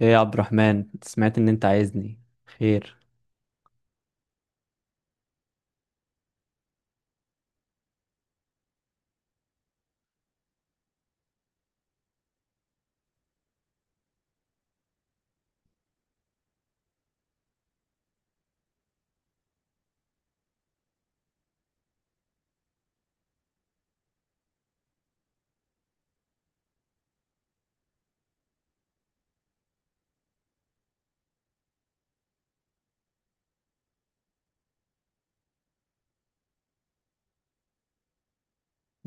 ايه يا عبد الرحمن، سمعت ان انت عايزني. خير؟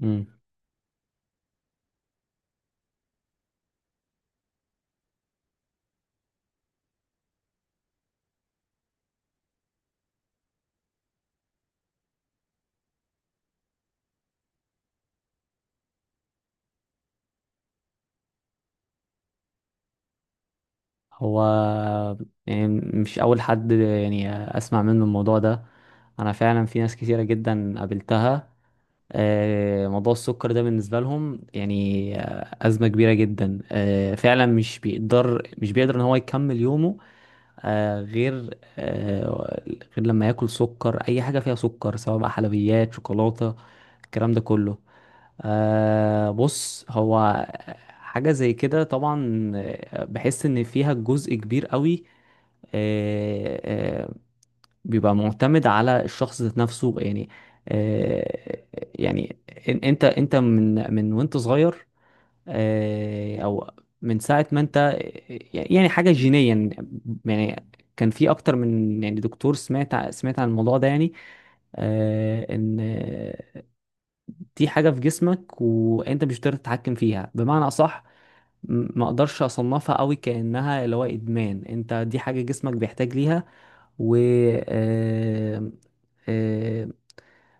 امم هو يعني مش اول حد اسمع منه الموضوع ده. انا فعلا في ناس كتيره جدا قابلتها. موضوع السكر ده بالنسبه لهم يعني ازمه كبيره جدا. فعلا مش بيقدر ان هو يكمل يومه غير لما ياكل سكر، اي حاجه فيها سكر، سواء بقى حلويات، شوكولاته، الكلام ده كله. بص، هو حاجة زي كده طبعا، بحس ان فيها جزء كبير قوي آه آه بيبقى معتمد على الشخص ذات نفسه يعني. آه يعني انت من وانت صغير، او من ساعة ما انت، يعني حاجة جينيا يعني. كان في اكتر من يعني دكتور سمعت سمعت عن الموضوع ده يعني، ان دي حاجة في جسمك وانت مش قادر تتحكم فيها. بمعنى اصح، ما اقدرش اصنفها قوي كأنها اللي هو ادمان، انت دي حاجة جسمك بيحتاج ليها. و آه، آه،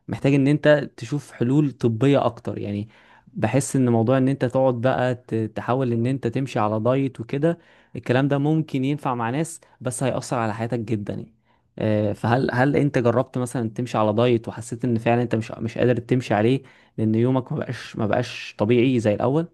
محتاج ان انت تشوف حلول طبية اكتر يعني. بحس ان موضوع ان انت تقعد بقى تحاول ان انت تمشي على دايت وكده، الكلام ده ممكن ينفع مع ناس بس هيأثر على حياتك جدا يعني. فهل انت جربت مثلا تمشي على دايت وحسيت ان فعلا انت مش قادر تمشي عليه؟ لان يومك ما بقاش طبيعي زي الاول.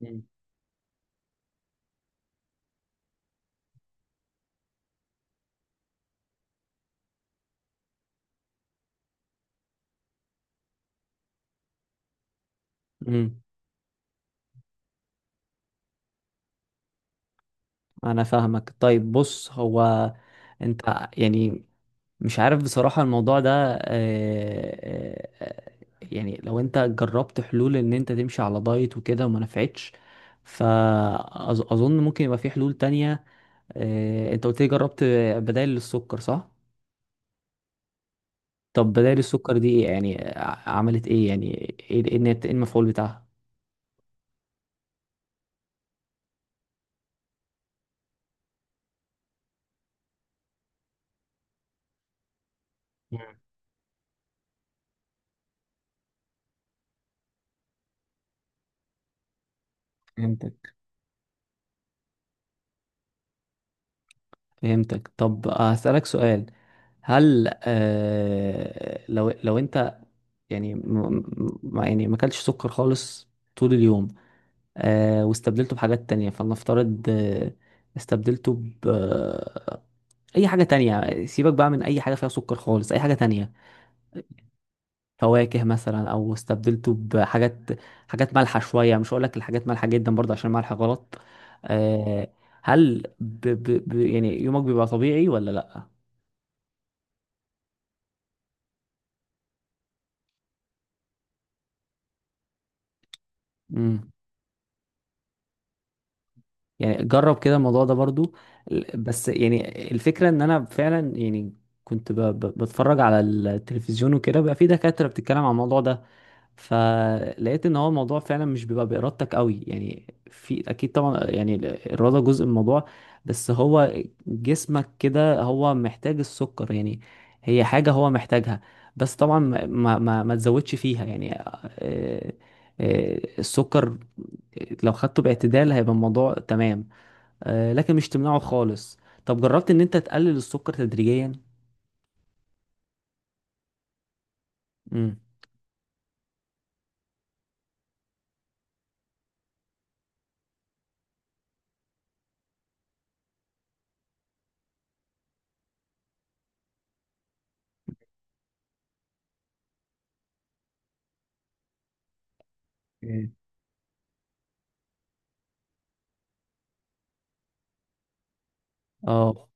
مم. امم. انا فاهمك. طيب بص، هو انت يعني مش عارف بصراحة الموضوع ده. آه، آه، آه، يعني لو انت جربت حلول ان انت تمشي على دايت وكده وما نفعتش، فأظن ممكن يبقى في حلول تانية. انت قلت لي جربت بدائل للسكر، صح؟ طب بدائل السكر دي ايه يعني؟ عملت ايه يعني؟ إيه المفعول بتاعها؟ مم. فهمتك. فهمتك. طب هسألك سؤال، هل لو انت يعني، يعني ما اكلتش سكر خالص طول اليوم، واستبدلته بحاجات تانية. فلنفترض استبدلته ب أي حاجة تانية، سيبك بقى من أي حاجة فيها سكر خالص، أي حاجة تانية. فواكه مثلا، أو استبدلته بحاجات، حاجات مالحة شوية، مش هقولك الحاجات مالحة جدا برضه عشان مالحة غلط. آه هل ب ب ب يعني يومك بيبقى طبيعي ولا لأ؟ مم. يعني جرب كده الموضوع ده برضو. بس يعني الفكرة ان انا فعلا يعني كنت بتفرج على التلفزيون وكده، بقى في دكاترة بتتكلم عن الموضوع ده، فلقيت ان هو الموضوع فعلا مش بيبقى بارادتك قوي يعني. في اكيد طبعا يعني الاراده جزء من الموضوع، بس هو جسمك كده هو محتاج السكر يعني، هي حاجه هو محتاجها. بس طبعا ما تزودش فيها يعني. السكر لو خدته باعتدال هيبقى الموضوع تمام، لكن مش تمنعه خالص. طب جربت ان انت تقلل السكر تدريجيا؟ امم. مم. اه.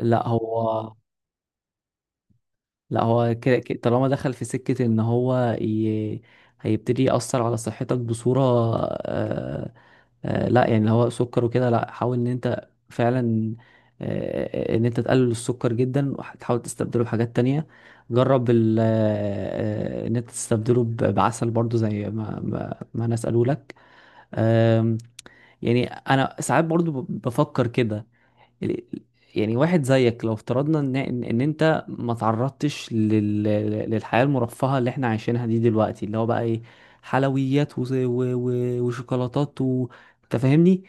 لا هو، لا هو طالما دخل في سكة ان هو ي... هيبتدي يأثر على صحتك بصورة. آه... لا يعني اللي هو سكر وكده، لا، حاول ان انت فعلا، ان انت تقلل السكر جدا وتحاول تستبدله بحاجات تانية. جرب ال... آه... آه، ان انت تستبدله بعسل برضو زي ما انا اسأله لك. آم، يعني انا ساعات برضو بفكر كده، ال- يعني واحد زيك لو افترضنا ان ان انت ما تعرضتش لل... للحياة المرفهة اللي احنا عايشينها دي دلوقتي، اللي هو بقى ايه، حلويات و وشوكولاتات انت فاهمني.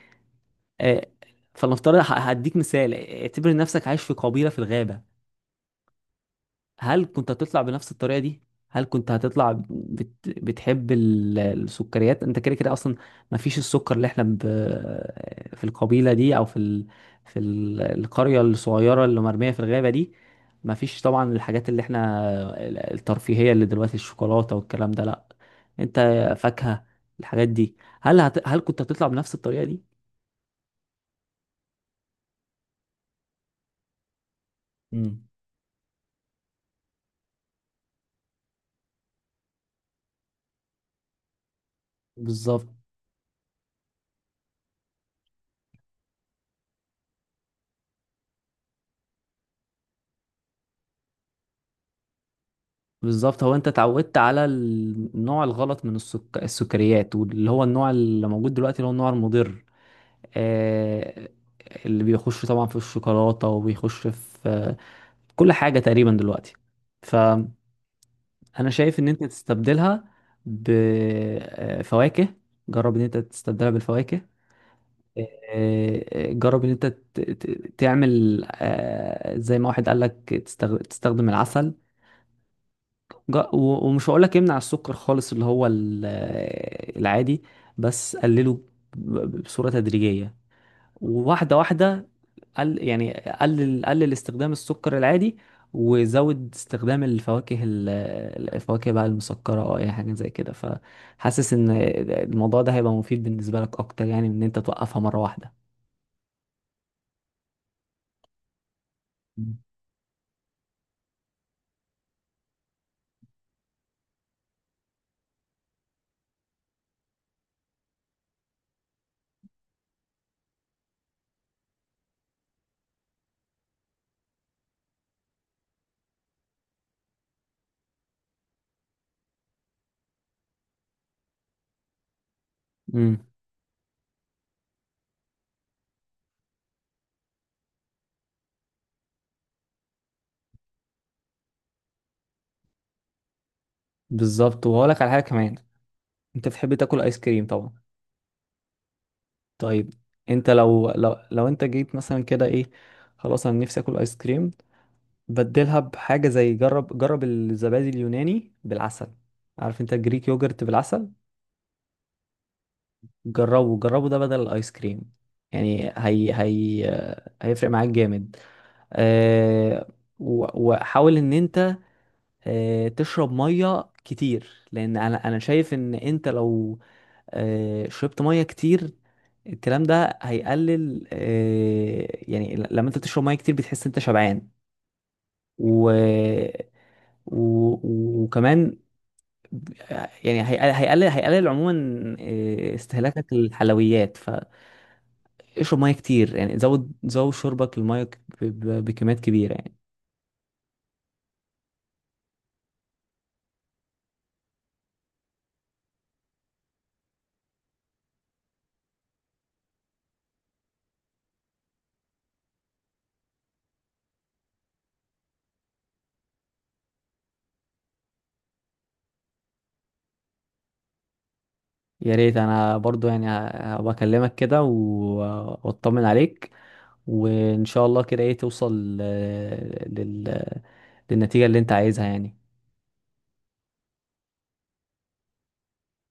آه، فلنفترض هديك مثال، اعتبر نفسك عايش في قبيلة في الغابة، هل كنت هتطلع بنفس الطريقة دي؟ هل كنت هتطلع بتحب السكريات؟ انت كده كده اصلا ما فيش السكر اللي احنا في القبيلة دي او في في القرية الصغيرة اللي مرمية في الغابة دي، ما فيش طبعا الحاجات اللي احنا، الترفيهية اللي دلوقتي، الشوكولاتة والكلام ده، لا، انت فاكهة، الحاجات دي. هل هل كنت هتطلع بنفس الطريقة دي؟ مم. بالظبط. بالظبط، هو انت اتعودت على النوع الغلط من السكريات، واللي هو النوع اللي موجود دلوقتي اللي هو النوع المضر، آه... اللي بيخش طبعا في الشوكولاتة وبيخش في كل حاجة تقريبا دلوقتي. فأنا شايف ان انت تستبدلها بفواكه، جرب ان انت تستبدلها بالفواكه. جرب ان انت تعمل، زي ما واحد قال لك، تستخدم العسل. ومش هقول لك يمنع السكر خالص اللي هو العادي، بس قلله بصورة تدريجية وواحدة واحدة. قل يعني قلل استخدام السكر العادي وزود استخدام الفواكه، الفواكه بقى المسكرة او اي حاجة زي كده. فحاسس ان الموضوع ده هيبقى مفيد بالنسبة لك اكتر يعني من ان انت توقفها مرة واحدة. امم. بالظبط. وهقول لك على حاجة كمان، انت بتحب تاكل ايس كريم طبعا. طيب انت لو لو انت جيت مثلا كده ايه، خلاص انا نفسي اكل ايس كريم، بدلها بحاجه زي، جرب الزبادي اليوناني بالعسل. عارف انت الجريك يوجرت بالعسل؟ جربه ده بدل الايس كريم، يعني هي هيفرق معاك جامد. أه، و- وحاول ان انت أه تشرب ميه كتير، لان انا شايف ان انت لو شربت ميه كتير، الكلام ده هيقلل، يعني لما انت تشرب ميه كتير بتحس انت شبعان، و... و... وكمان ب- يعني هيقلل عموما استهلاكك للحلويات. فاشرب ميه كتير يعني، زود شربك للميه بكميات كبيره يعني. يا ريت. انا برضو يعني هبقى اكلمك كده واطمن عليك، وان شاء الله كده ايه توصل للنتيجة اللي انت عايزها يعني.